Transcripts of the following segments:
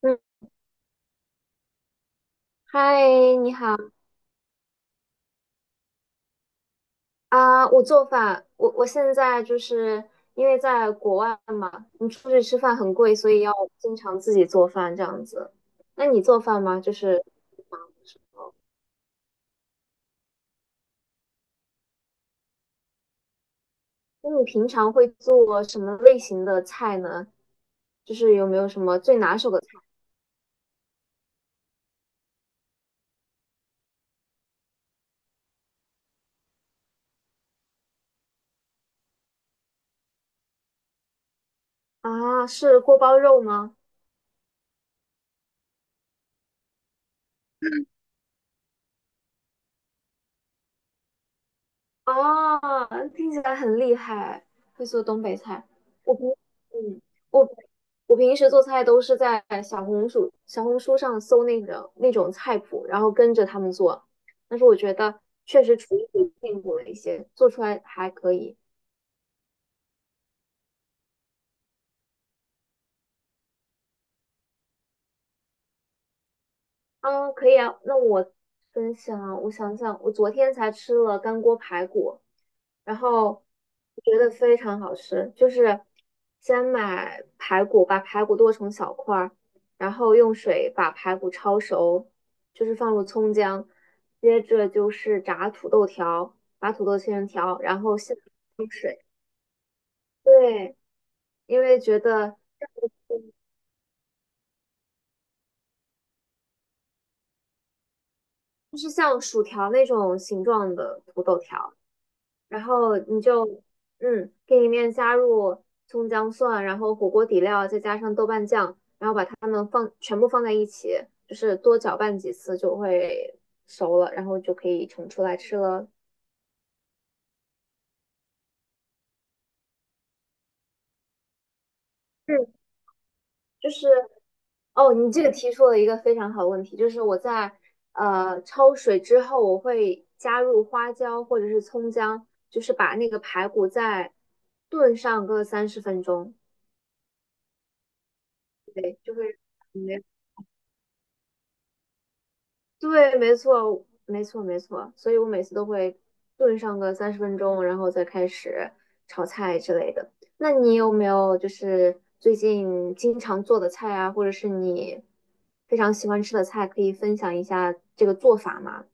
嗯，嗨，你好啊！我做饭，我现在就是因为在国外嘛，你出去吃饭很贵，所以要经常自己做饭这样子。那你做饭吗？就是忙的时候，那你平常会做什么类型的菜呢？就是有没有什么最拿手的菜啊？是锅包肉吗？哦，听起来很厉害，会做东北菜。我平，嗯，我我平时做菜都是在小红书上搜那个那种菜谱，然后跟着他们做。但是我觉得确实厨艺进步了一些，做出来还可以。嗯，可以啊。那我分享啊，我想想，我昨天才吃了干锅排骨，然后我觉得非常好吃。就是先买排骨，把排骨剁成小块儿，然后用水把排骨焯熟，就是放入葱姜，接着就是炸土豆条，把土豆切成条，然后下入水。对，因为觉得就是像薯条那种形状的土豆条。然后你就给里面加入葱姜蒜，然后火锅底料，再加上豆瓣酱，然后把它们放全部放在一起，就是多搅拌几次就会熟了，然后就可以盛出来吃了。嗯，就是哦，你这个提出了一个非常好的问题，就是我在焯水之后，我会加入花椒或者是葱姜，就是把那个排骨再炖上个三十分钟，对，就会。对，没错，没错，没错。所以我每次都会炖上个三十分钟，然后再开始炒菜之类的。那你有没有就是最近经常做的菜啊，或者是你非常喜欢吃的菜，可以分享一下这个做法吗？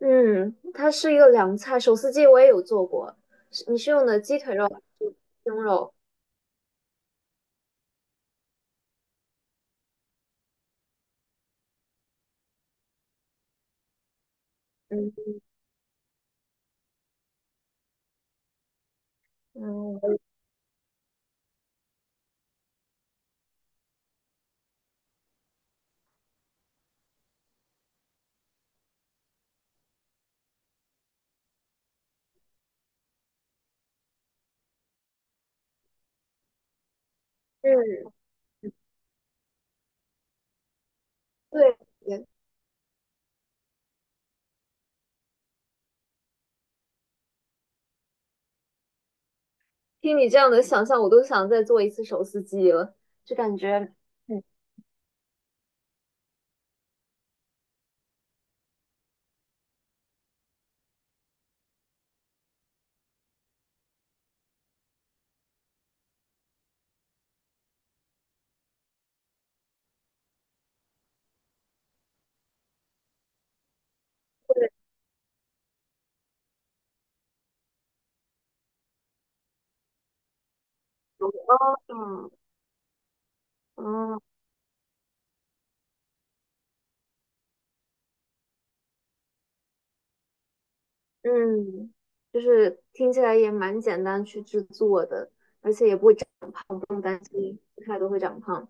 嗯，它是一个凉菜，手撕鸡我也有做过。是你是用的鸡腿肉还是胸肉？嗯嗯，是对，听你这样的想象，我都想再做一次手撕鸡了，就感觉。嗯。哦，嗯嗯，就是听起来也蛮简单去制作的，不用担心吃太多会长胖。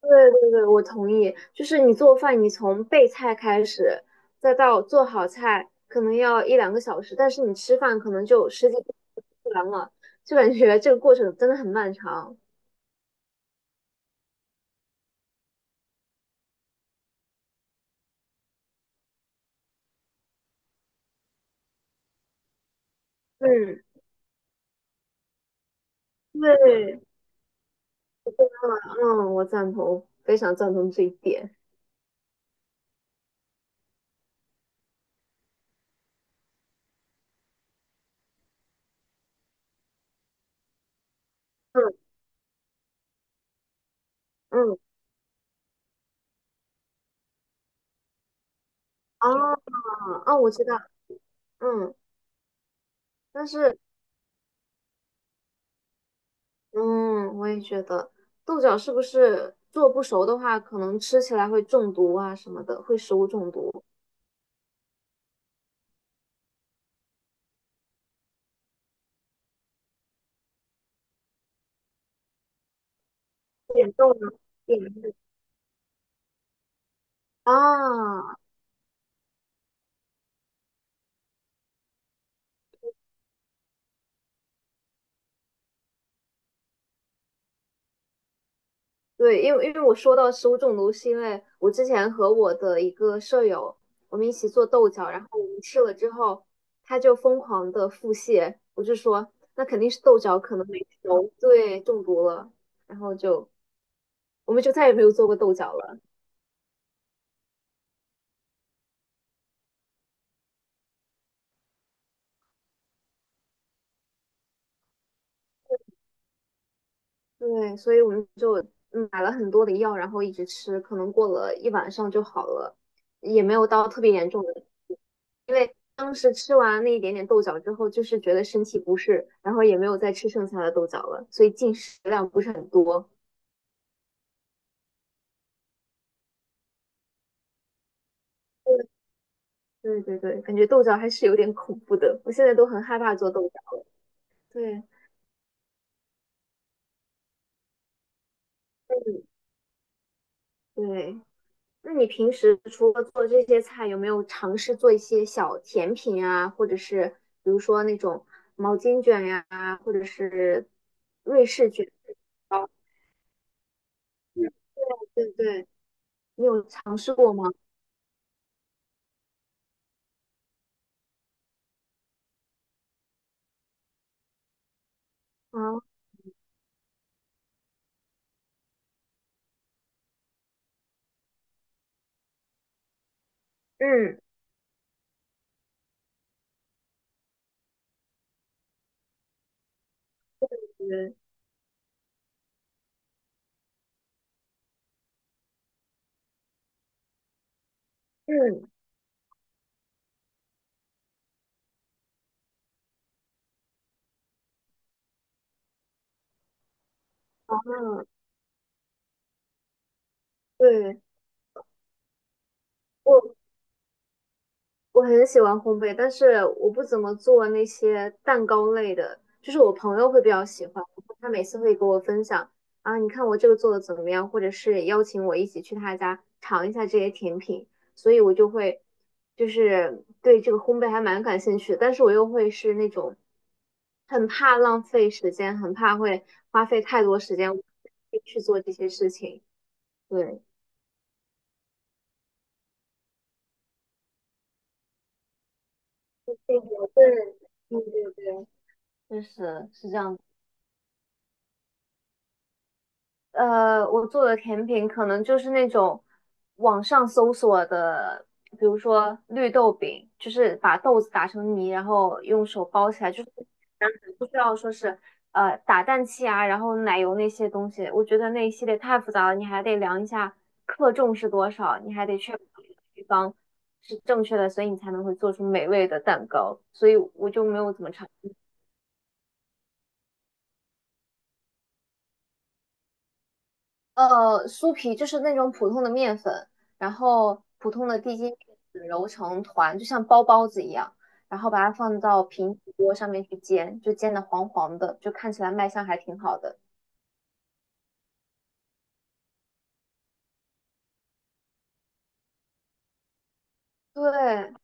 对对对，我同意。就是你做饭，你从备菜开始，再到做好菜，可能要一两个小时，但是你吃饭可能就十几分钟就完了，就感觉这个过程真的很漫长。嗯，对，嗯，我赞同，非常赞同这一点。嗯嗯，啊哦，嗯我知道，嗯。但是嗯，我也觉得豆角是不是做不熟的话，可能吃起来会中毒啊什么的，会食物中毒。严重吗？严重啊，对，因为我说到食物中毒，是因为我之前和我的一个舍友，我们一起做豆角，然后我们吃了之后，他就疯狂的腹泻，我就说那肯定是豆角可能没熟，对，中毒了，然后我们就再也没有做过豆角了。对，所以我们就买了很多的药，然后一直吃，可能过了一晚上就好了，也没有到特别严重的。因为当时吃完那一点点豆角之后，就是觉得身体不适，然后也没有再吃剩下的豆角了，所以进食量不是很多。对对对，感觉豆角还是有点恐怖的，我现在都很害怕做豆角了。对，嗯，对。那你平时除了做这些菜，有没有尝试做一些小甜品啊，或者是比如说那种毛巾卷呀、或者是瑞士卷糕？对对对，你有尝试过吗？啊，嗯，对，嗯嗯，对，我我很喜欢烘焙，但是我不怎么做那些蛋糕类的，就是我朋友会比较喜欢，他每次会给我分享啊，你看我这个做的怎么样，或者是邀请我一起去他家尝一下这些甜品，所以我就会就是对这个烘焙还蛮感兴趣的，但是我又会是那种很怕浪费时间，很怕会花费太多时间去做这些事情，对，这个我个人，对对对，确实是这样子。我做的甜品可能就是那种网上搜索的，比如说绿豆饼，就是把豆子打成泥，然后用手包起来，就是不需要说是打蛋器啊，然后奶油那些东西。我觉得那一系列太复杂了，你还得量一下克重是多少，你还得确保配方是正确的，所以你才能会做出美味的蛋糕。所以我就没有怎么尝。酥皮就是那种普通的面粉，然后普通的低筋面粉揉成团，就像包包子一样，然后把它放到平底锅上面去煎，就煎的黄黄的，就看起来卖相还挺好的。对，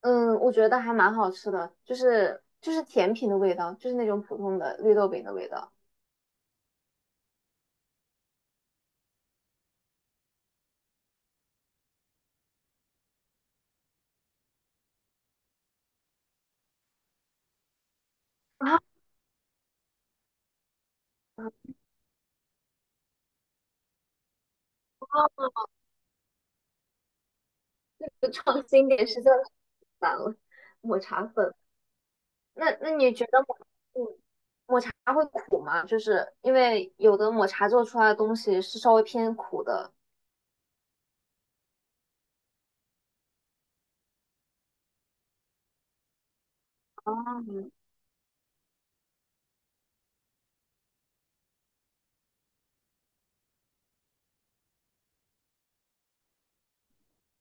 嗯，我觉得还蛮好吃的，就是甜品的味道，就是那种普通的绿豆饼的味道。啊，就创新点实在是太难了，抹茶粉。那你觉得嗯抹茶会苦吗？就是因为有的抹茶做出来的东西是稍微偏苦的。哦，嗯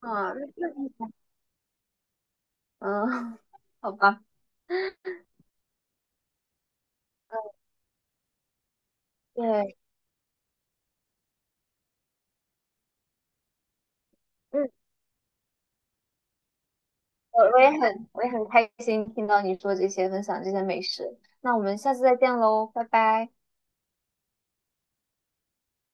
啊，那那嗯，好吧，对，嗯，我也很开心听到你说这些，分享这些美食。那我们下次再见喽，拜拜。